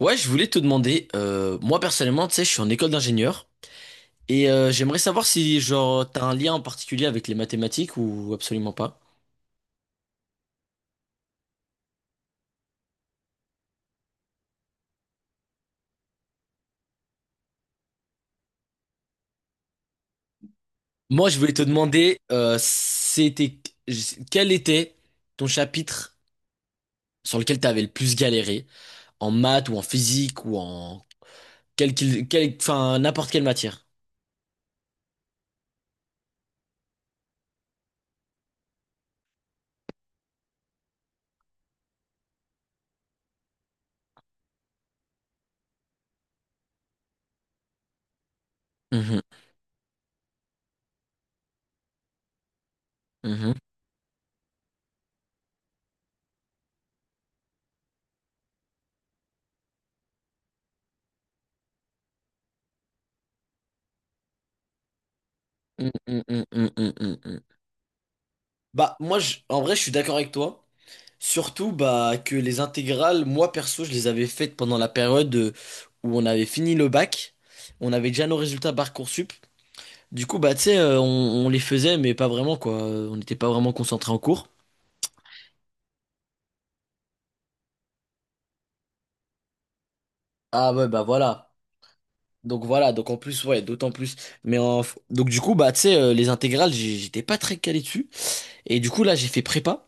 Ouais, je voulais te demander, moi personnellement, tu sais, je suis en école d'ingénieur et j'aimerais savoir si genre t'as un lien en particulier avec les mathématiques ou absolument pas. Moi, je voulais te demander, c'était quel était ton chapitre sur lequel t'avais le plus galéré en maths ou en physique ou en quel, enfin n'importe quelle matière. Mhm, mhm. Mm, mm, mm, mm, mm, mm, mm. Bah moi, en vrai, je suis d'accord avec toi. Surtout bah, que les intégrales, moi perso, je les avais faites pendant la période où on avait fini le bac. On avait déjà nos résultats Parcoursup. Du coup, bah, tu sais, on les faisait, mais pas vraiment, quoi. On n'était pas vraiment concentrés en cours. Ah ouais, bah voilà. Donc voilà, donc en plus, ouais, d'autant plus. Mais en... donc du coup, bah, tu sais, les intégrales, j'étais pas très calé dessus. Et du coup, là, j'ai fait prépa.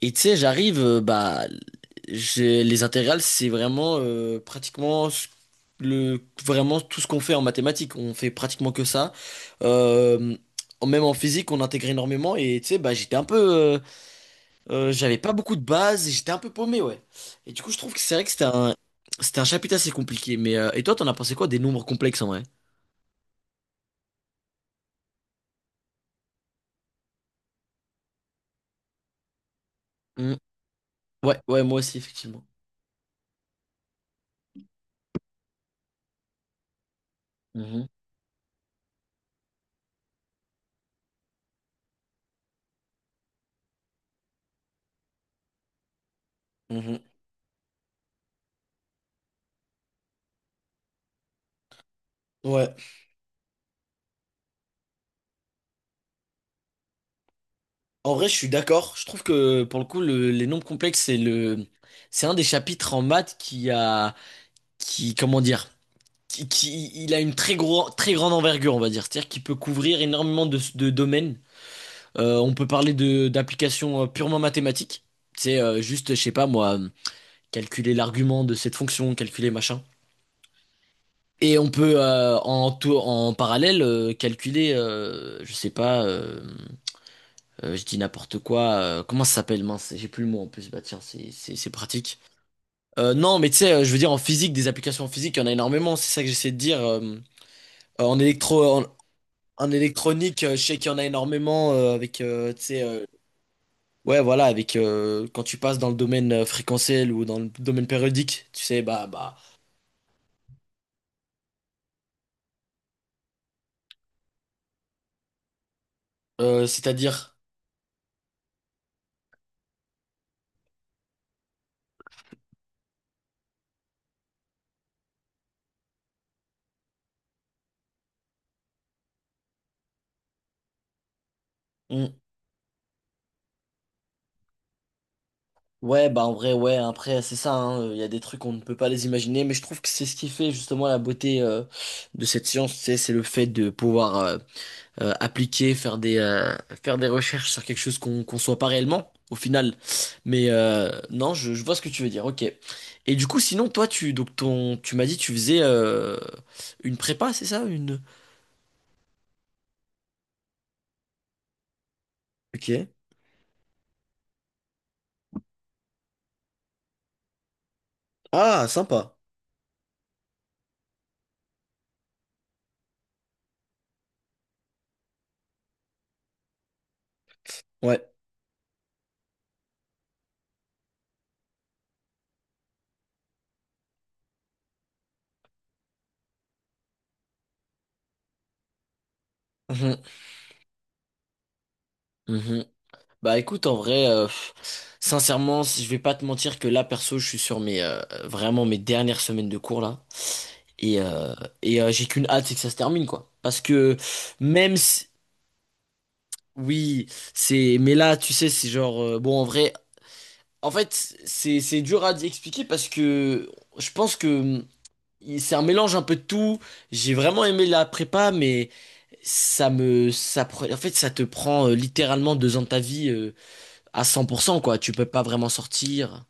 Et tu sais, j'arrive, bah, j'ai, les intégrales, c'est vraiment pratiquement le, vraiment tout ce qu'on fait en mathématiques. On fait pratiquement que ça. Euh, même en physique, on intègre énormément. Et tu sais, bah, j'avais pas beaucoup de bases, et j'étais un peu paumé, ouais. Et du coup, je trouve que c'est vrai que c'était un chapitre assez compliqué. Mais et toi, t'en as pensé quoi des nombres complexes en vrai? Mm. Ouais, ouais, moi aussi, effectivement. Mhm. Mhm. Ouais. En vrai, je suis d'accord. Je trouve que pour le coup, les nombres complexes, c'est un des chapitres en maths qui, comment dire, il a une très grande envergure, on va dire. C'est-à-dire qu'il peut couvrir énormément de domaines. On peut parler de d'applications purement mathématiques. C'est juste, je sais pas moi, calculer l'argument de cette fonction, calculer machin. Et on peut en parallèle calculer, je sais pas. Je dis n'importe quoi. Comment ça s'appelle, mince? J'ai plus le mot en plus. Bah tiens, c'est pratique. Non, mais tu sais, je veux dire en physique, des applications en physique, il y en a énormément. C'est ça que j'essaie de dire. En électro, en, en électronique, je sais qu'il y en a énormément avec, tu sais, ouais, voilà, avec quand tu passes dans le domaine fréquentiel ou dans le domaine périodique, tu sais, c'est-à-dire. Ouais, bah en vrai, ouais, après, c'est ça, hein, il y a des trucs qu'on ne peut pas les imaginer, mais je trouve que c'est ce qui fait justement la beauté de cette science, tu sais, c'est le fait de pouvoir appliquer, faire des recherches sur quelque chose qu'on soit pas réellement, au final. Mais non, je vois ce que tu veux dire, ok. Et du coup, sinon, toi, tu, donc ton, tu m'as dit, tu faisais une prépa, c'est ça, une... Ok. Ah, sympa. Ouais. Mhm. Mhm. Bah écoute, en vrai, pff, sincèrement, si je vais pas te mentir que là, perso, je suis sur mes vraiment mes dernières semaines de cours là. Et, euh, j'ai qu'une hâte, c'est que ça se termine, quoi. Parce que même si, oui, c'est. Mais là, tu sais, c'est genre. Bon, en vrai, en fait, c'est dur à expliquer parce que je pense que c'est un mélange un peu de tout. J'ai vraiment aimé la prépa, mais ça me. Ça, en fait, ça te prend littéralement 2 ans de ta vie. À 100%, quoi. Tu peux pas vraiment sortir.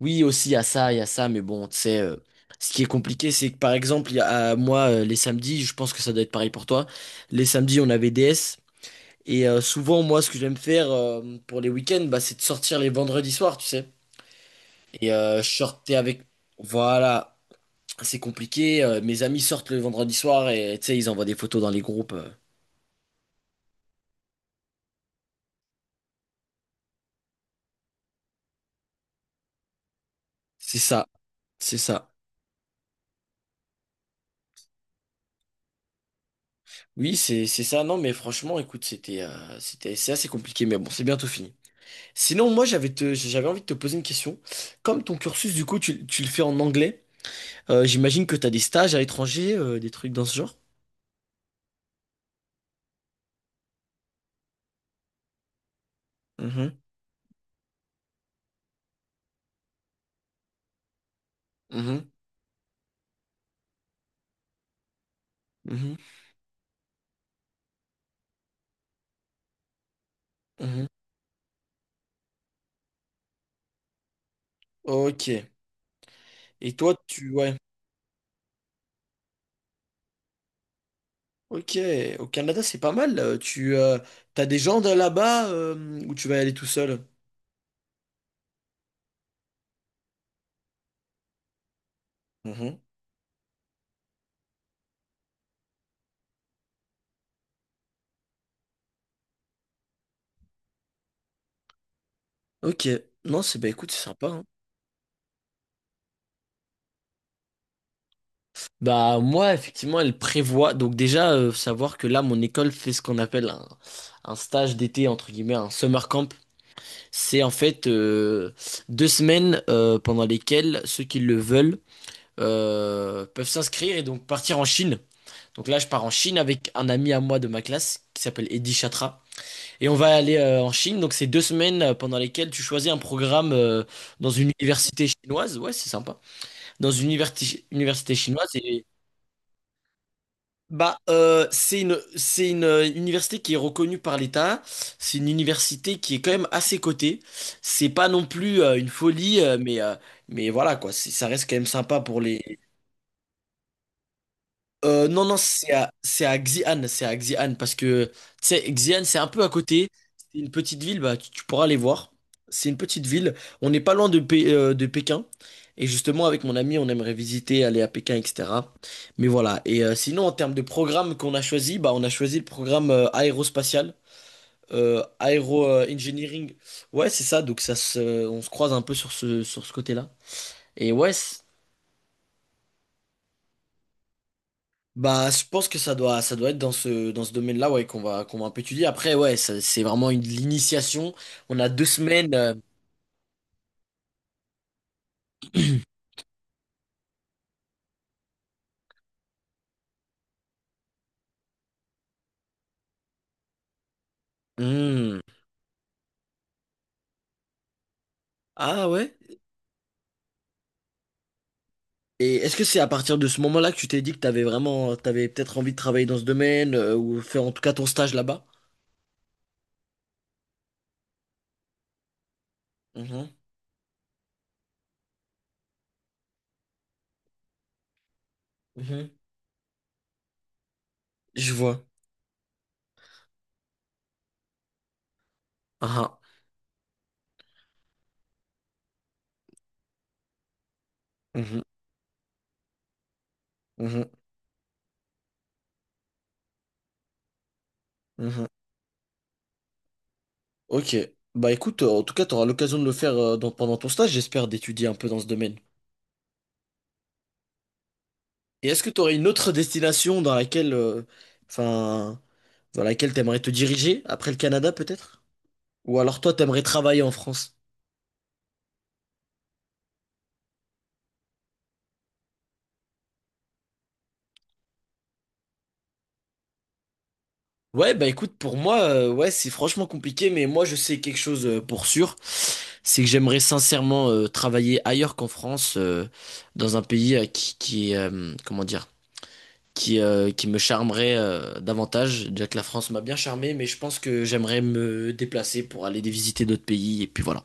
Oui, aussi, il y a ça, il y a ça, mais bon, tu sais, ce qui est compliqué, c'est que par exemple, moi, les samedis, je pense que ça doit être pareil pour toi. Les samedis, on avait DS, et souvent, moi, ce que j'aime faire pour les week-ends, bah, c'est de sortir les vendredis soirs, tu sais. Et je sortais avec. Voilà, c'est compliqué. Mes amis sortent le vendredi soir et tu sais, ils envoient des photos dans les groupes. C'est ça, c'est ça. Oui, c'est ça. Non, mais franchement, écoute, c'est assez compliqué, mais bon, c'est bientôt fini. Sinon, moi, j'avais envie de te poser une question. Comme ton cursus, du coup, tu le fais en anglais, j'imagine que tu as des stages à l'étranger, des trucs dans ce genre? Mhm. Mhm, mhm, mhm. Ok. Et toi, tu... Ouais. Ok. Au Canada, c'est pas mal. Tu as des gens de là-bas ou tu vas y aller tout seul? Mhm. Ok, non, c'est bah écoute, c'est sympa. Hein. Bah moi, effectivement, elle prévoit. Donc déjà, savoir que là, mon école fait ce qu'on appelle un stage d'été, entre guillemets, un summer camp. C'est en fait 2 semaines pendant lesquelles ceux qui le veulent peuvent s'inscrire et donc partir en Chine. Donc là, je pars en Chine avec un ami à moi de ma classe qui s'appelle Eddy Chatra. Et on va aller en Chine. Donc c'est 2 semaines pendant lesquelles tu choisis un programme dans une université chinoise. Ouais, c'est sympa. Dans une université, université chinoise. Bah, c'est une université qui est reconnue par l'État. C'est une université qui est quand même assez cotée. C'est pas non plus une folie, mais voilà quoi. Ça reste quand même sympa pour les, non, non, c'est à Xi'an, parce que, tu sais, Xi'an, c'est un peu à côté, c'est une petite ville, bah, tu pourras aller voir, c'est une petite ville, on n'est pas loin de, de Pékin, et justement, avec mon ami, on aimerait visiter, aller à Pékin, etc., mais voilà, et sinon, en termes de programme qu'on a choisi, bah, on a choisi le programme aérospatial, aéro engineering, ouais, c'est ça, donc on se croise un peu sur sur ce côté-là, et ouais, Bah, je pense que ça doit être dans dans ce domaine-là, ouais, qu'on va un peu étudier. Après, ouais, c'est vraiment une l'initiation. On a 2 semaines. Hmm. Ah ouais? Et est-ce que c'est à partir de ce moment-là que tu t'es dit que t'avais peut-être envie de travailler dans ce domaine, ou faire en tout cas ton stage là-bas? Mhm, mhm. Je vois. Ah, ah. Mhm, mhm, mhm. Ok. Bah écoute, en tout cas, tu auras l'occasion de le faire pendant ton stage, j'espère, d'étudier un peu dans ce domaine. Et est-ce que tu aurais une autre destination dans laquelle, enfin, dans laquelle t'aimerais te diriger après le Canada peut-être? Ou alors toi, t'aimerais travailler en France? Ouais, bah écoute, pour moi, ouais, c'est franchement compliqué, mais moi, je sais quelque chose pour sûr, c'est que j'aimerais sincèrement travailler ailleurs qu'en France, dans un pays qui, comment dire, qui me charmerait davantage, déjà que la France m'a bien charmé, mais je pense que j'aimerais me déplacer pour aller visiter d'autres pays, et puis voilà.